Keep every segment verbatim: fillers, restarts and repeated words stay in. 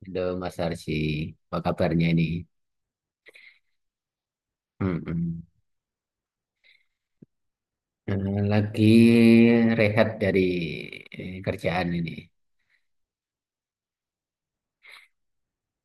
Halo Mas Arsy, apa kabarnya ini? Mm-mm. Eh, Lagi rehat dari eh, kerjaan ini.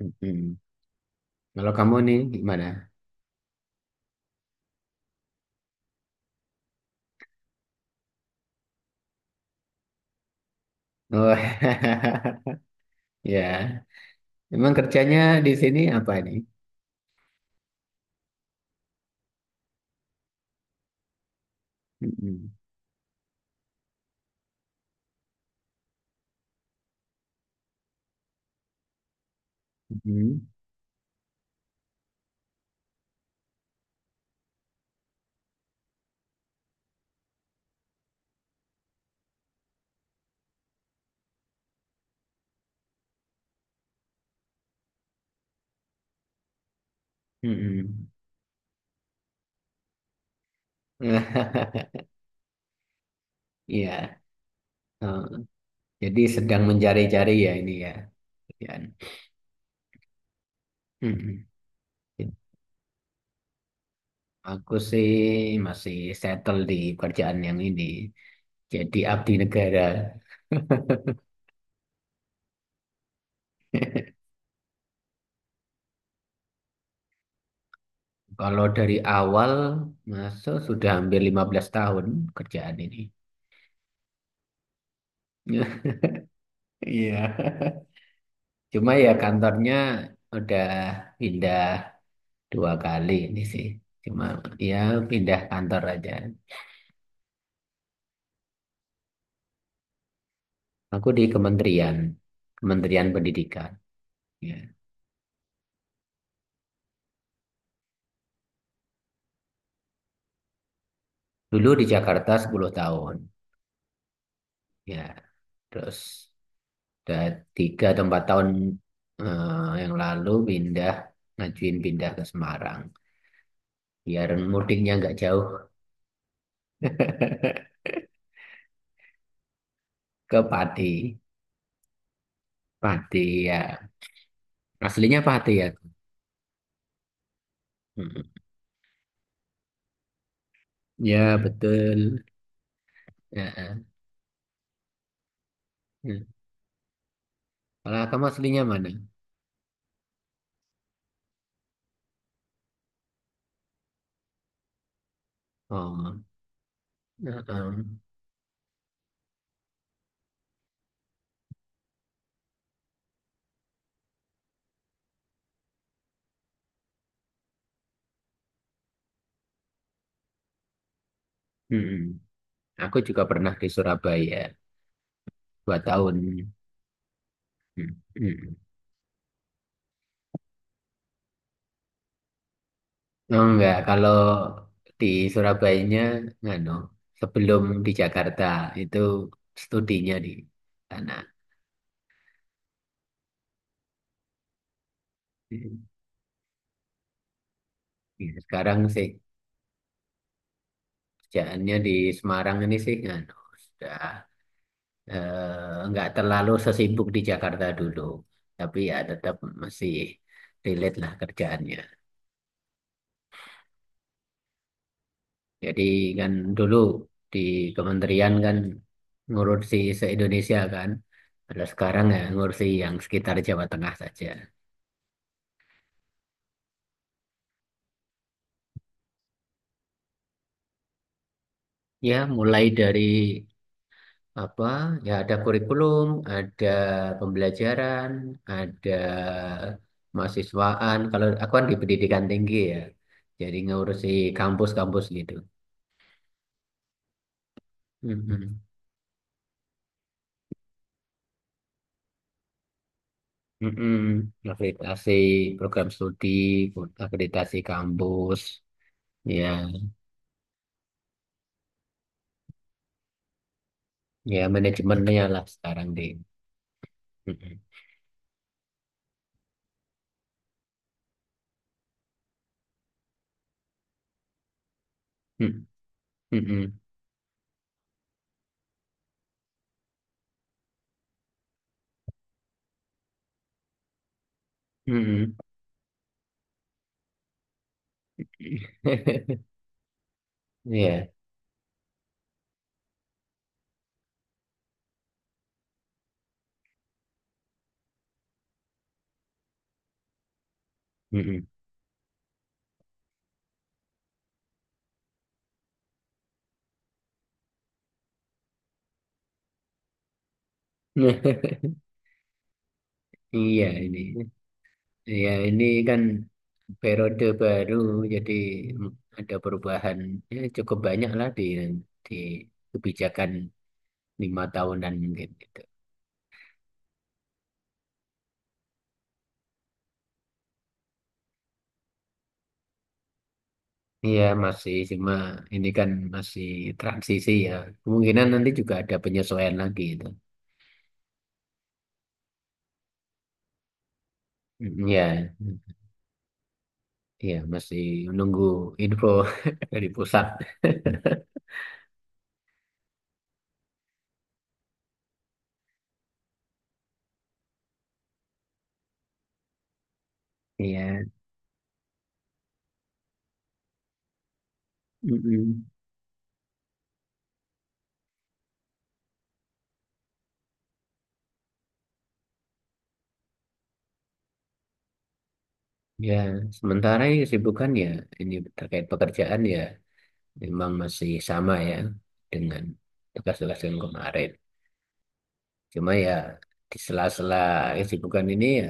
Mm-mm. Kalau kamu nih gimana? Oh, ya. Emang kerjanya di sini apa ini? Mm-mm. Mm-mm. Mm-mm. Iya. Oh, jadi sedang mencari-cari ya ini ya, kerjaan. Mm-mm. Aku sih masih settle di kerjaan yang ini. Jadi abdi negara. Kalau dari awal masuk sudah hampir lima belas tahun kerjaan ini. Iya. Cuma ya kantornya udah pindah dua kali ini sih. Cuma ya pindah kantor aja. Aku di kementerian, Kementerian Pendidikan. Ya. Dulu di Jakarta sepuluh tahun. Ya. Terus udah tiga atau empat tahun eh, yang lalu pindah, ngajuin pindah ke Semarang. Biar mudiknya nggak jauh. Ke Pati. Pati ya. Aslinya Pati ya. Mm. Ya, betul. Heeh. Mm. Kalau kamu aslinya mana? Oh. Heeh. Mm. Aku juga pernah di Surabaya dua tahun. Mm. Mm. Oh, enggak, kalau di Surabayanya nganu, sebelum di Jakarta itu studinya di sana. Mm. Ya, sekarang sih kerjaannya di Semarang ini sih nganu, sudah eh, nggak terlalu sesibuk di Jakarta dulu, tapi ya tetap masih relate lah kerjaannya. Jadi kan dulu di kementerian kan ngurusi se-Indonesia kan, kalau sekarang ya ngurusi yang sekitar Jawa Tengah saja. Ya mulai dari apa ya, ada kurikulum, ada pembelajaran, ada mahasiswaan. Kalau aku kan di pendidikan tinggi ya, jadi ngurusi kampus-kampus gitu. Mhm. Mm-mm. Akreditasi program studi, akreditasi kampus, ya, ya manajemennya lah sekarang di. Mm-mm. Mm-mm. Mm-mm. Iya. Mm-mm. Iya ini, ya ini kan periode baru, jadi ada perubahan ya, cukup banyak lah di di kebijakan lima tahunan mungkin gitu. Iya masih, cuma ini kan masih transisi ya. Kemungkinan nanti juga ada penyesuaian lagi itu. Mm, iya, mm, iya masih menunggu info dari pusat. Iya, mm-mm. Ya sementara ini kesibukan ya ini terkait pekerjaan ya memang masih sama ya dengan tugas-tugas yang kemarin. Cuma ya di sela-sela kesibukan ini ya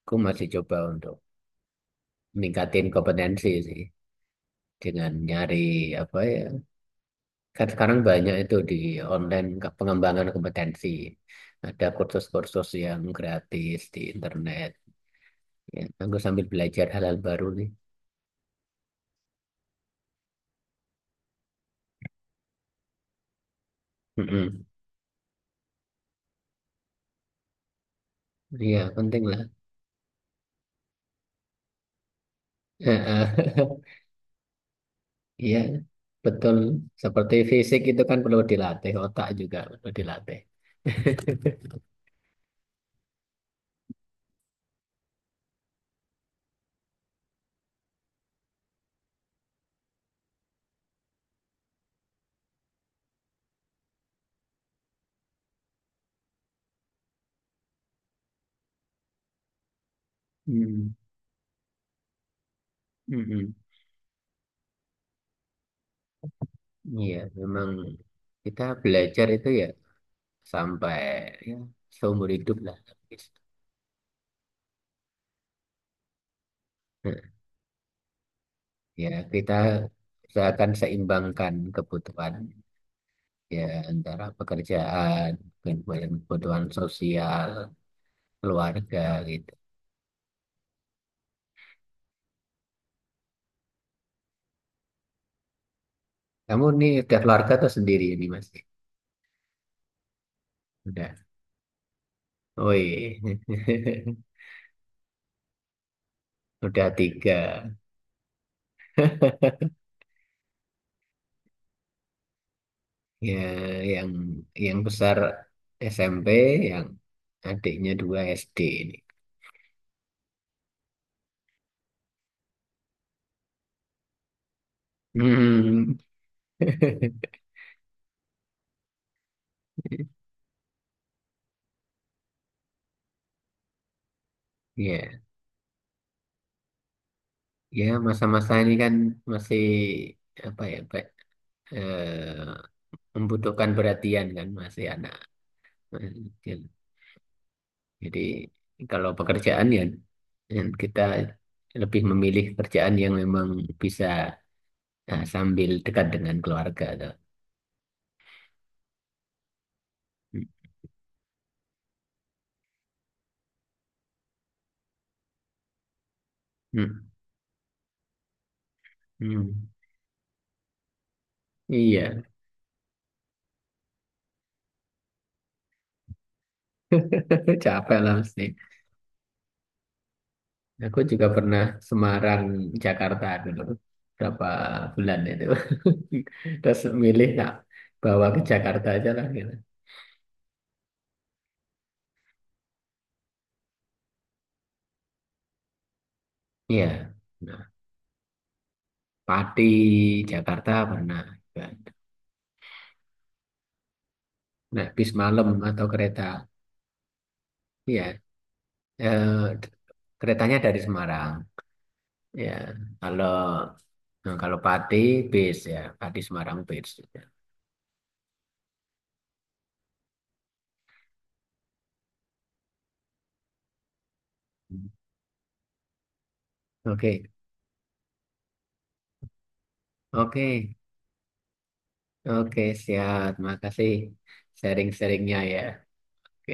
aku masih coba untuk meningkatin kompetensi sih dengan nyari apa ya, kan sekarang banyak itu di online ke- pengembangan kompetensi. Ada kursus-kursus yang gratis di internet. Ya, aku sambil belajar hal-hal baru nih. Mm-mm. Iya, penting lah. Eh, eh. Iya, betul. Seperti fisik itu kan perlu dilatih, otak juga perlu dilatih. Hmm, mm-mm. Iya, memang kita belajar itu ya sampai ya, seumur hidup lah. Ya, kita akan seimbangkan kebutuhan ya antara pekerjaan, kemudian kebutuhan sosial, keluarga gitu. Kamu nih udah keluarga atau sendiri ini Mas? Udah. Woi. Udah tiga. Ya, yang yang besar S M P, yang adiknya dua S D ini. Hmm. Ya, ya masa-masa ini kan masih apa ya, Pak? Eh, Membutuhkan perhatian kan masih anak masih kecil. Jadi kalau pekerjaan ya yang kita lebih memilih kerjaan yang memang bisa, nah, sambil dekat dengan keluarga tuh. Hmm, hmm, hmm. Iya, capek lah mesti. Aku juga pernah Semarang, Jakarta dulu berapa bulan itu. Terus milih nak bawa ke Jakarta aja lah gitu. Iya, nah, Pati Jakarta pernah. Nah, bis malam atau kereta. Iya. Eh, Keretanya dari Semarang. Ya. Kalau nah, kalau Pati bis ya, Pati Semarang bis. Ya. Oke, oke, oke, siap. Makasih sharing-sharingnya ya. Oke.